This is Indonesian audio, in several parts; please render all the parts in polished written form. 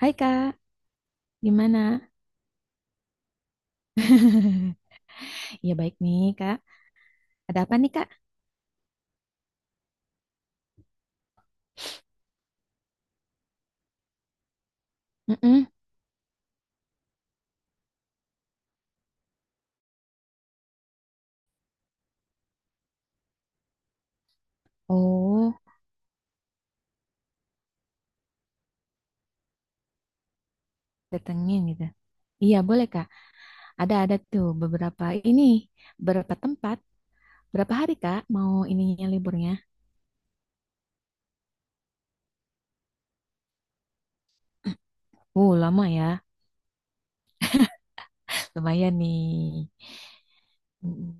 Hai Kak, gimana? Iya baik nih Kak. Ada apa nih Kak? Mm-mm. Oh, datengin gitu. Iya boleh Kak. Ada tuh beberapa ini, beberapa tempat. Berapa hari Kak mau ininya liburnya? Lama ya. Lumayan nih. Mm-mm.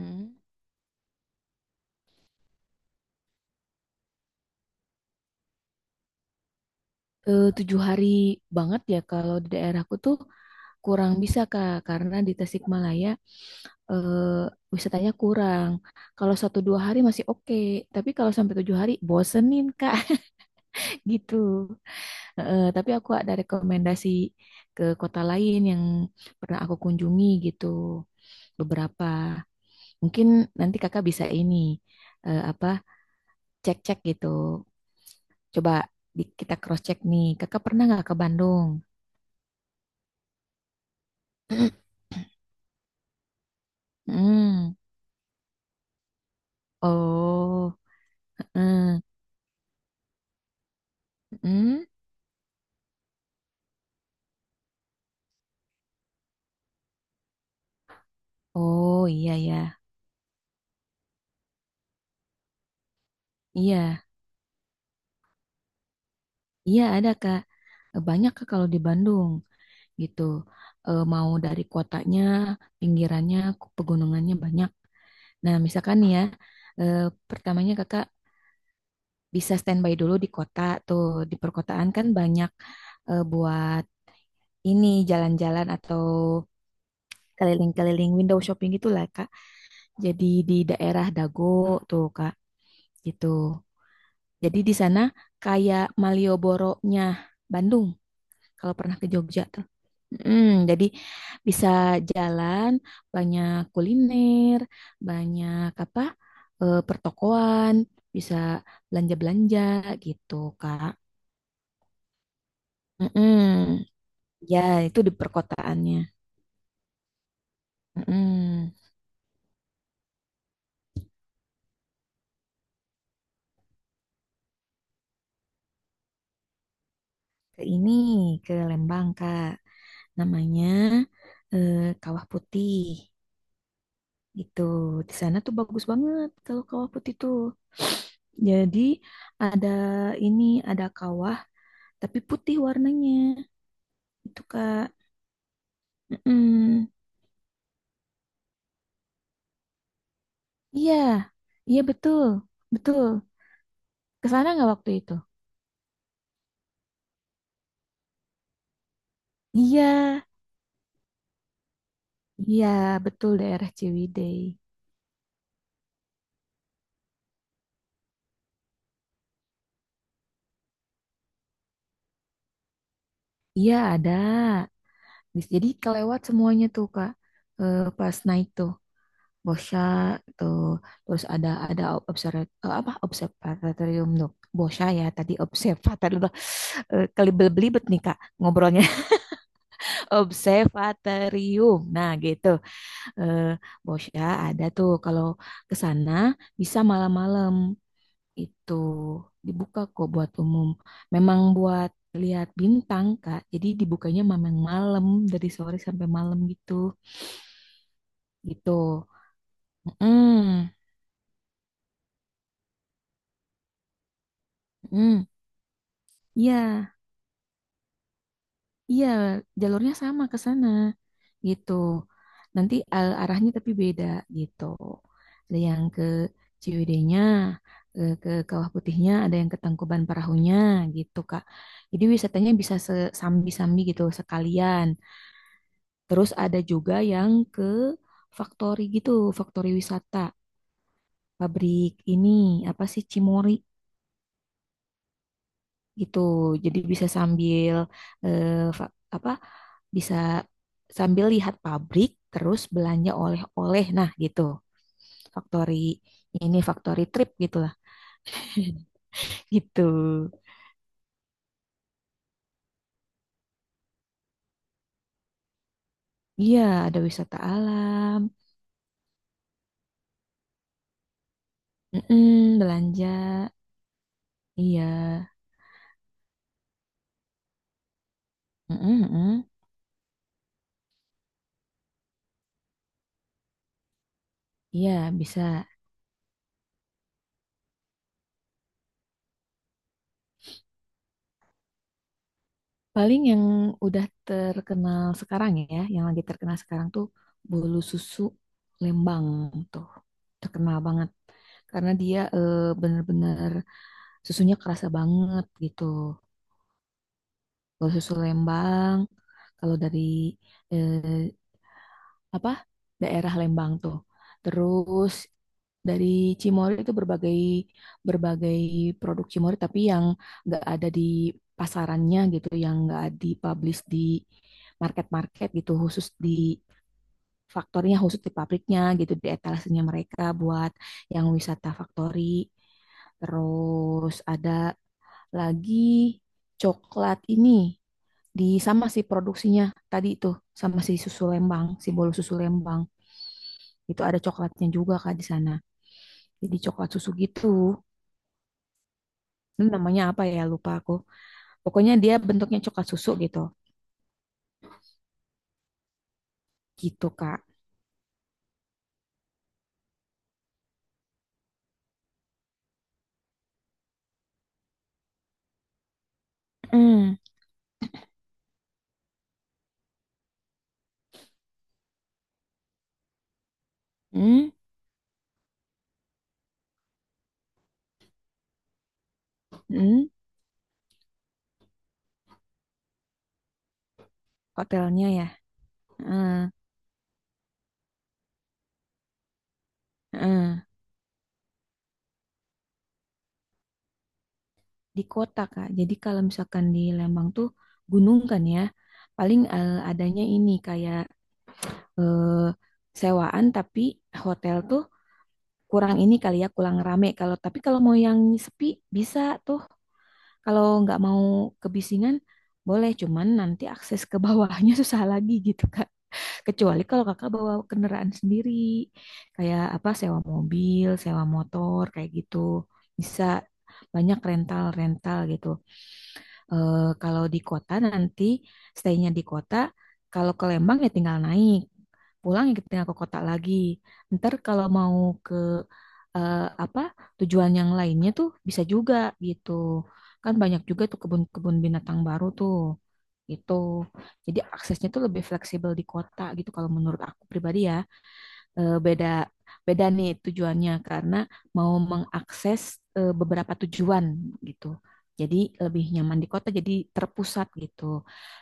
Mm. Tujuh hari banget ya kalau di daerahku tuh kurang bisa Kak karena di Tasikmalaya eh, wisatanya kurang. Kalau satu dua hari masih oke, tapi kalau sampai tujuh hari bosenin Kak gitu. Tapi aku ada rekomendasi ke kota lain yang pernah aku kunjungi gitu beberapa. Mungkin nanti Kakak bisa ini apa cek-cek gitu. Coba kita cross check nih. Kakak pernah nggak ke Bandung? Hmm. Oh, mm, mm. Oh iya ya, iya. Iya ada Kak. Banyak Kak kalau di Bandung gitu. Mau dari kotanya, pinggirannya, pegunungannya banyak. Nah misalkan nih ya, eh, pertamanya Kakak bisa standby dulu di kota tuh. Di perkotaan kan banyak buat ini jalan-jalan atau keliling-keliling window shopping gitulah Kak. Jadi di daerah Dago tuh Kak gitu. Jadi di sana kayak Malioboro-nya Bandung kalau pernah ke Jogja tuh. Jadi bisa jalan, banyak kuliner, banyak apa pertokoan, bisa belanja-belanja gitu, Kak. Mm-mm. Ya, itu di perkotaannya. Mm-mm. Ke ini, ke Lembang, Kak. Namanya eh, Kawah Putih gitu. Di sana tuh bagus banget kalau Kawah Putih tuh. Jadi ada ini, ada kawah tapi putih warnanya itu Kak. Mm-mm. Iya, iya betul, betul. Ke sana nggak waktu itu? Iya, iya betul daerah Ciwidey. Iya ada. Jadi kelewat semuanya tuh Kak. Pas naik tuh Bosya tuh terus ada observ apa observatorium tuh. Bosya ya tadi observatorium. Kelibet-belibet nih Kak ngobrolnya. Observatorium. Nah, gitu. eh Bosya ada tuh kalau ke sana bisa malam-malam itu dibuka kok buat umum. Memang buat lihat bintang, Kak. Jadi dibukanya memang malam dari sore sampai malam gitu. Gitu. Mm, mm, iya. Iya, jalurnya sama ke sana gitu. Nanti arahnya tapi beda gitu. Ada yang ke Ciwidey-nya, ke Kawah Putihnya, ada yang ke Tangkuban Perahunya gitu, Kak. Jadi wisatanya bisa sambi-sambi gitu sekalian. Terus ada juga yang ke Faktori gitu, Faktori wisata, pabrik ini apa sih Cimori gitu. Jadi bisa sambil eh, apa? Bisa sambil lihat pabrik terus belanja oleh-oleh. Nah, gitu. Factory ini factory trip gitulah. Gitu. Iya, ada wisata alam. Mm-mm, belanja. Iya. Mm-mm, mm-mm. Iya, bisa. Paling yang udah terkenal sekarang ya, yang lagi terkenal sekarang tuh bolu susu Lembang tuh. Terkenal banget. Karena dia bener-bener susunya kerasa banget gitu. Bolu susu Lembang, kalau dari eh, apa daerah Lembang tuh. Terus dari Cimory itu berbagai berbagai produk Cimory tapi yang nggak ada di pasarannya gitu, yang nggak dipublish di market-market gitu, khusus di faktornya khusus di pabriknya gitu, di etalasenya mereka buat yang wisata factory. Terus ada lagi coklat ini di sama sih produksinya tadi itu sama si susu Lembang, si bolu susu Lembang. Itu ada coklatnya juga Kak di sana. Jadi coklat susu gitu. Ini namanya apa ya? Lupa aku. Pokoknya dia bentuknya coklat susu gitu. Gitu Kak. Mm. Mm. Mm. Hotelnya ya. Mm. Mm. Di kota Kak. Jadi kalau misalkan di Lembang tuh gunung kan ya. Paling adanya ini kayak eh, sewaan tapi hotel tuh kurang ini kali ya kurang rame tapi kalau mau yang sepi bisa tuh. Kalau nggak mau kebisingan, boleh. Cuman nanti akses ke bawahnya susah lagi gitu, Kak. Kecuali kalau Kakak bawa kendaraan sendiri. Kayak apa, sewa mobil, sewa motor, kayak gitu. Bisa banyak rental-rental gitu. Kalau di kota nanti, stay-nya di kota. Kalau ke Lembang ya tinggal naik. Pulang ya tinggal ke kota lagi. Ntar kalau mau ke eh, apa tujuan yang lainnya tuh bisa juga gitu. Kan banyak juga tuh kebun-kebun binatang baru tuh. Gitu. Jadi aksesnya tuh lebih fleksibel di kota gitu kalau menurut aku pribadi ya. Beda beda nih tujuannya karena mau mengakses beberapa tujuan gitu. Jadi lebih nyaman di kota jadi terpusat gitu.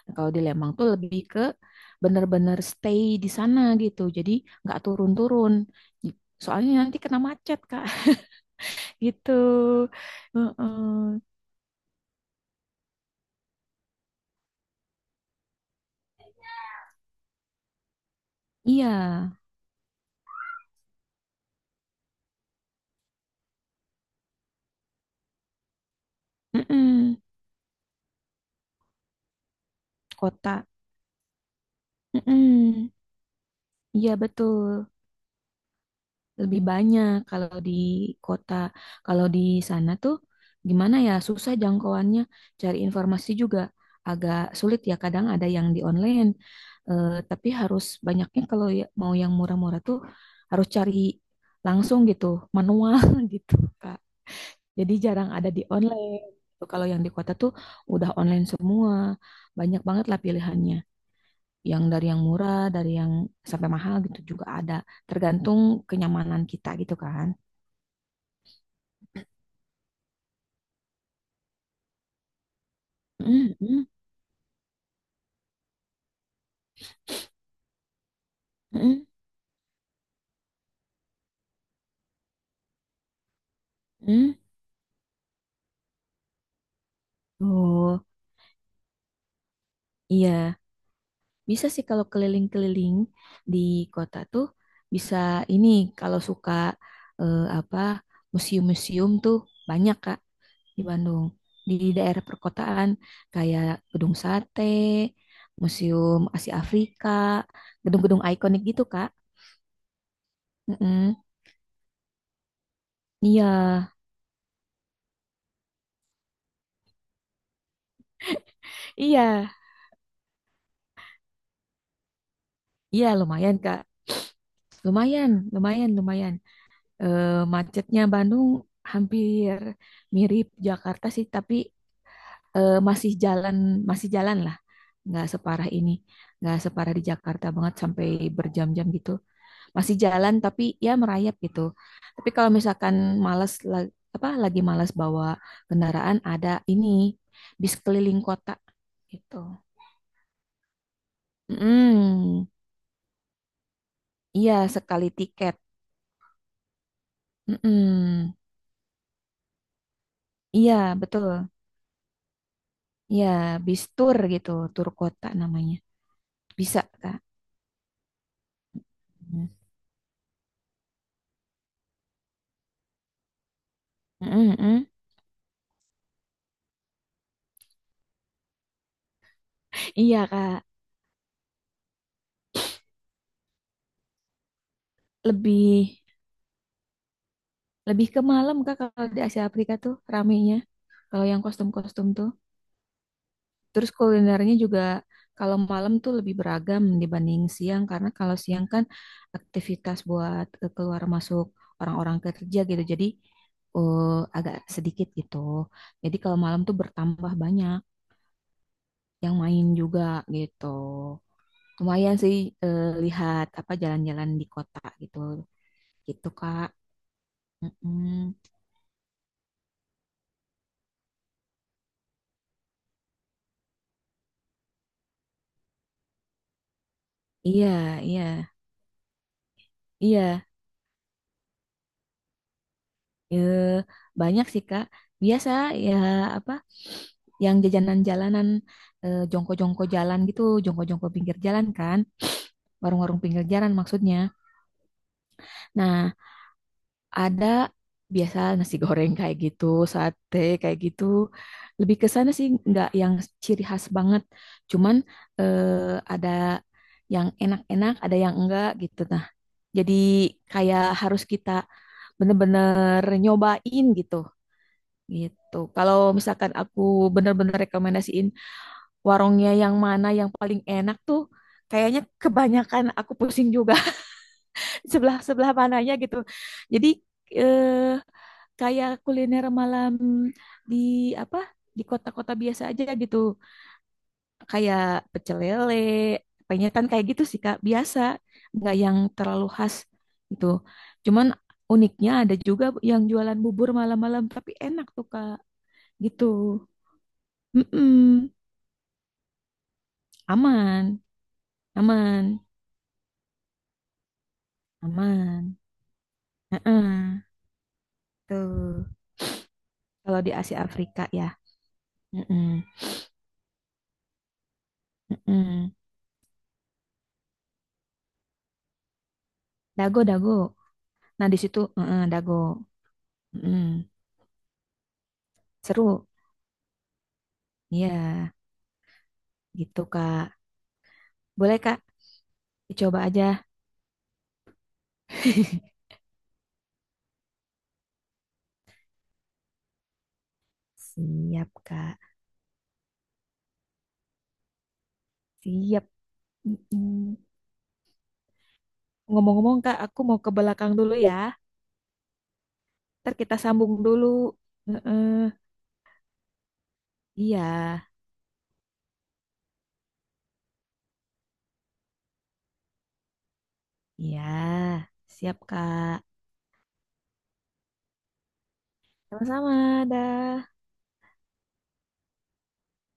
Nah, kalau di Lembang tuh lebih ke bener-bener stay di sana gitu. Jadi nggak turun-turun. Soalnya nanti kena macet, Kak, gitu. Heeh. Iya, mm-mm. Kota. Mm-mm. Iya betul, lebih banyak kalau di kota. Kalau di sana tuh gimana ya, susah jangkauannya. Cari informasi juga agak sulit ya. Kadang ada yang di online. Tapi harus banyaknya kalau mau yang murah-murah tuh harus cari langsung gitu, manual gitu, Kak. Jadi jarang ada di online. Gitu. Kalau yang di kota tuh udah online semua. Banyak banget lah pilihannya. Yang dari yang murah, dari yang sampai mahal gitu juga ada. Tergantung kenyamanan kita gitu kan. Mm, mm, mm, mm. Oh, iya. Bisa sih kalau keliling-keliling di kota tuh bisa ini kalau suka apa museum-museum tuh banyak Kak di Bandung. Di daerah perkotaan kayak Gedung Sate, Museum Asia Afrika, gedung-gedung ikonik gitu Kak. Mm-mm. Iya, iya, iya lumayan Kak. Lumayan, lumayan, lumayan. Eh, Macetnya Bandung hampir mirip Jakarta sih, tapi masih jalan, masih jalan lah, nggak separah ini nggak separah di Jakarta banget sampai berjam-jam gitu. Masih jalan tapi ya merayap gitu. Tapi kalau misalkan malas apa lagi malas bawa kendaraan, ada ini bis keliling kota gitu. Mm, iya, sekali tiket. Mm-mm. Iya betul, iya, bis tur gitu, tur kota namanya, bisa Kak. Mm. Mm-mm. Iya, Kak. Lebih Lebih ke malam Kak kalau di Asia Afrika tuh ramenya. Kalau yang kostum-kostum tuh. Terus kulinernya juga kalau malam tuh lebih beragam dibanding siang karena kalau siang kan aktivitas buat keluar masuk orang-orang kerja gitu. Jadi eh, agak sedikit gitu. Jadi kalau malam tuh bertambah banyak yang main juga gitu. Lumayan sih lihat apa jalan-jalan di kota gitu. Gitu Kak. Mm-mm. Iya, iya. Iya, ya, banyak sih Kak. Biasa ya apa yang jajanan jalanan jongko-jongko jalan gitu, jongko-jongko pinggir jalan kan, warung-warung pinggir jalan maksudnya. Nah, ada biasa nasi goreng kayak gitu, sate kayak gitu. Lebih ke sana sih nggak yang ciri khas banget. Cuman eh, ada yang enak-enak, ada yang enggak gitu. Nah, jadi kayak harus kita bener-bener nyobain gitu. Gitu. Kalau misalkan aku bener-bener rekomendasiin warungnya yang mana yang paling enak tuh, kayaknya kebanyakan aku pusing juga sebelah-sebelah mananya gitu. Jadi eh, kayak kuliner malam di apa? Di kota-kota biasa aja gitu. Kayak pecel lele, penyetan kayak gitu sih Kak, biasa, nggak yang terlalu khas gitu. Cuman uniknya ada juga yang jualan bubur malam-malam tapi enak tuh Kak, gitu. Mm-mm. Aman, aman, aman. Heeh, tuh, kalau di Asia Afrika ya. Heeh, heeh. Dago, dago. Nah, di situ heeh, Dago. Heeh. Seru. Iya, gitu, Kak. Boleh, Kak? Dicoba aja. Siap, Kak. Siap. Mm-mm. Ngomong-ngomong, Kak, aku mau ke belakang dulu ya. Ntar kita sambung dulu. Heeh. Iya, iya. Siap, Kak. Sama-sama, dah.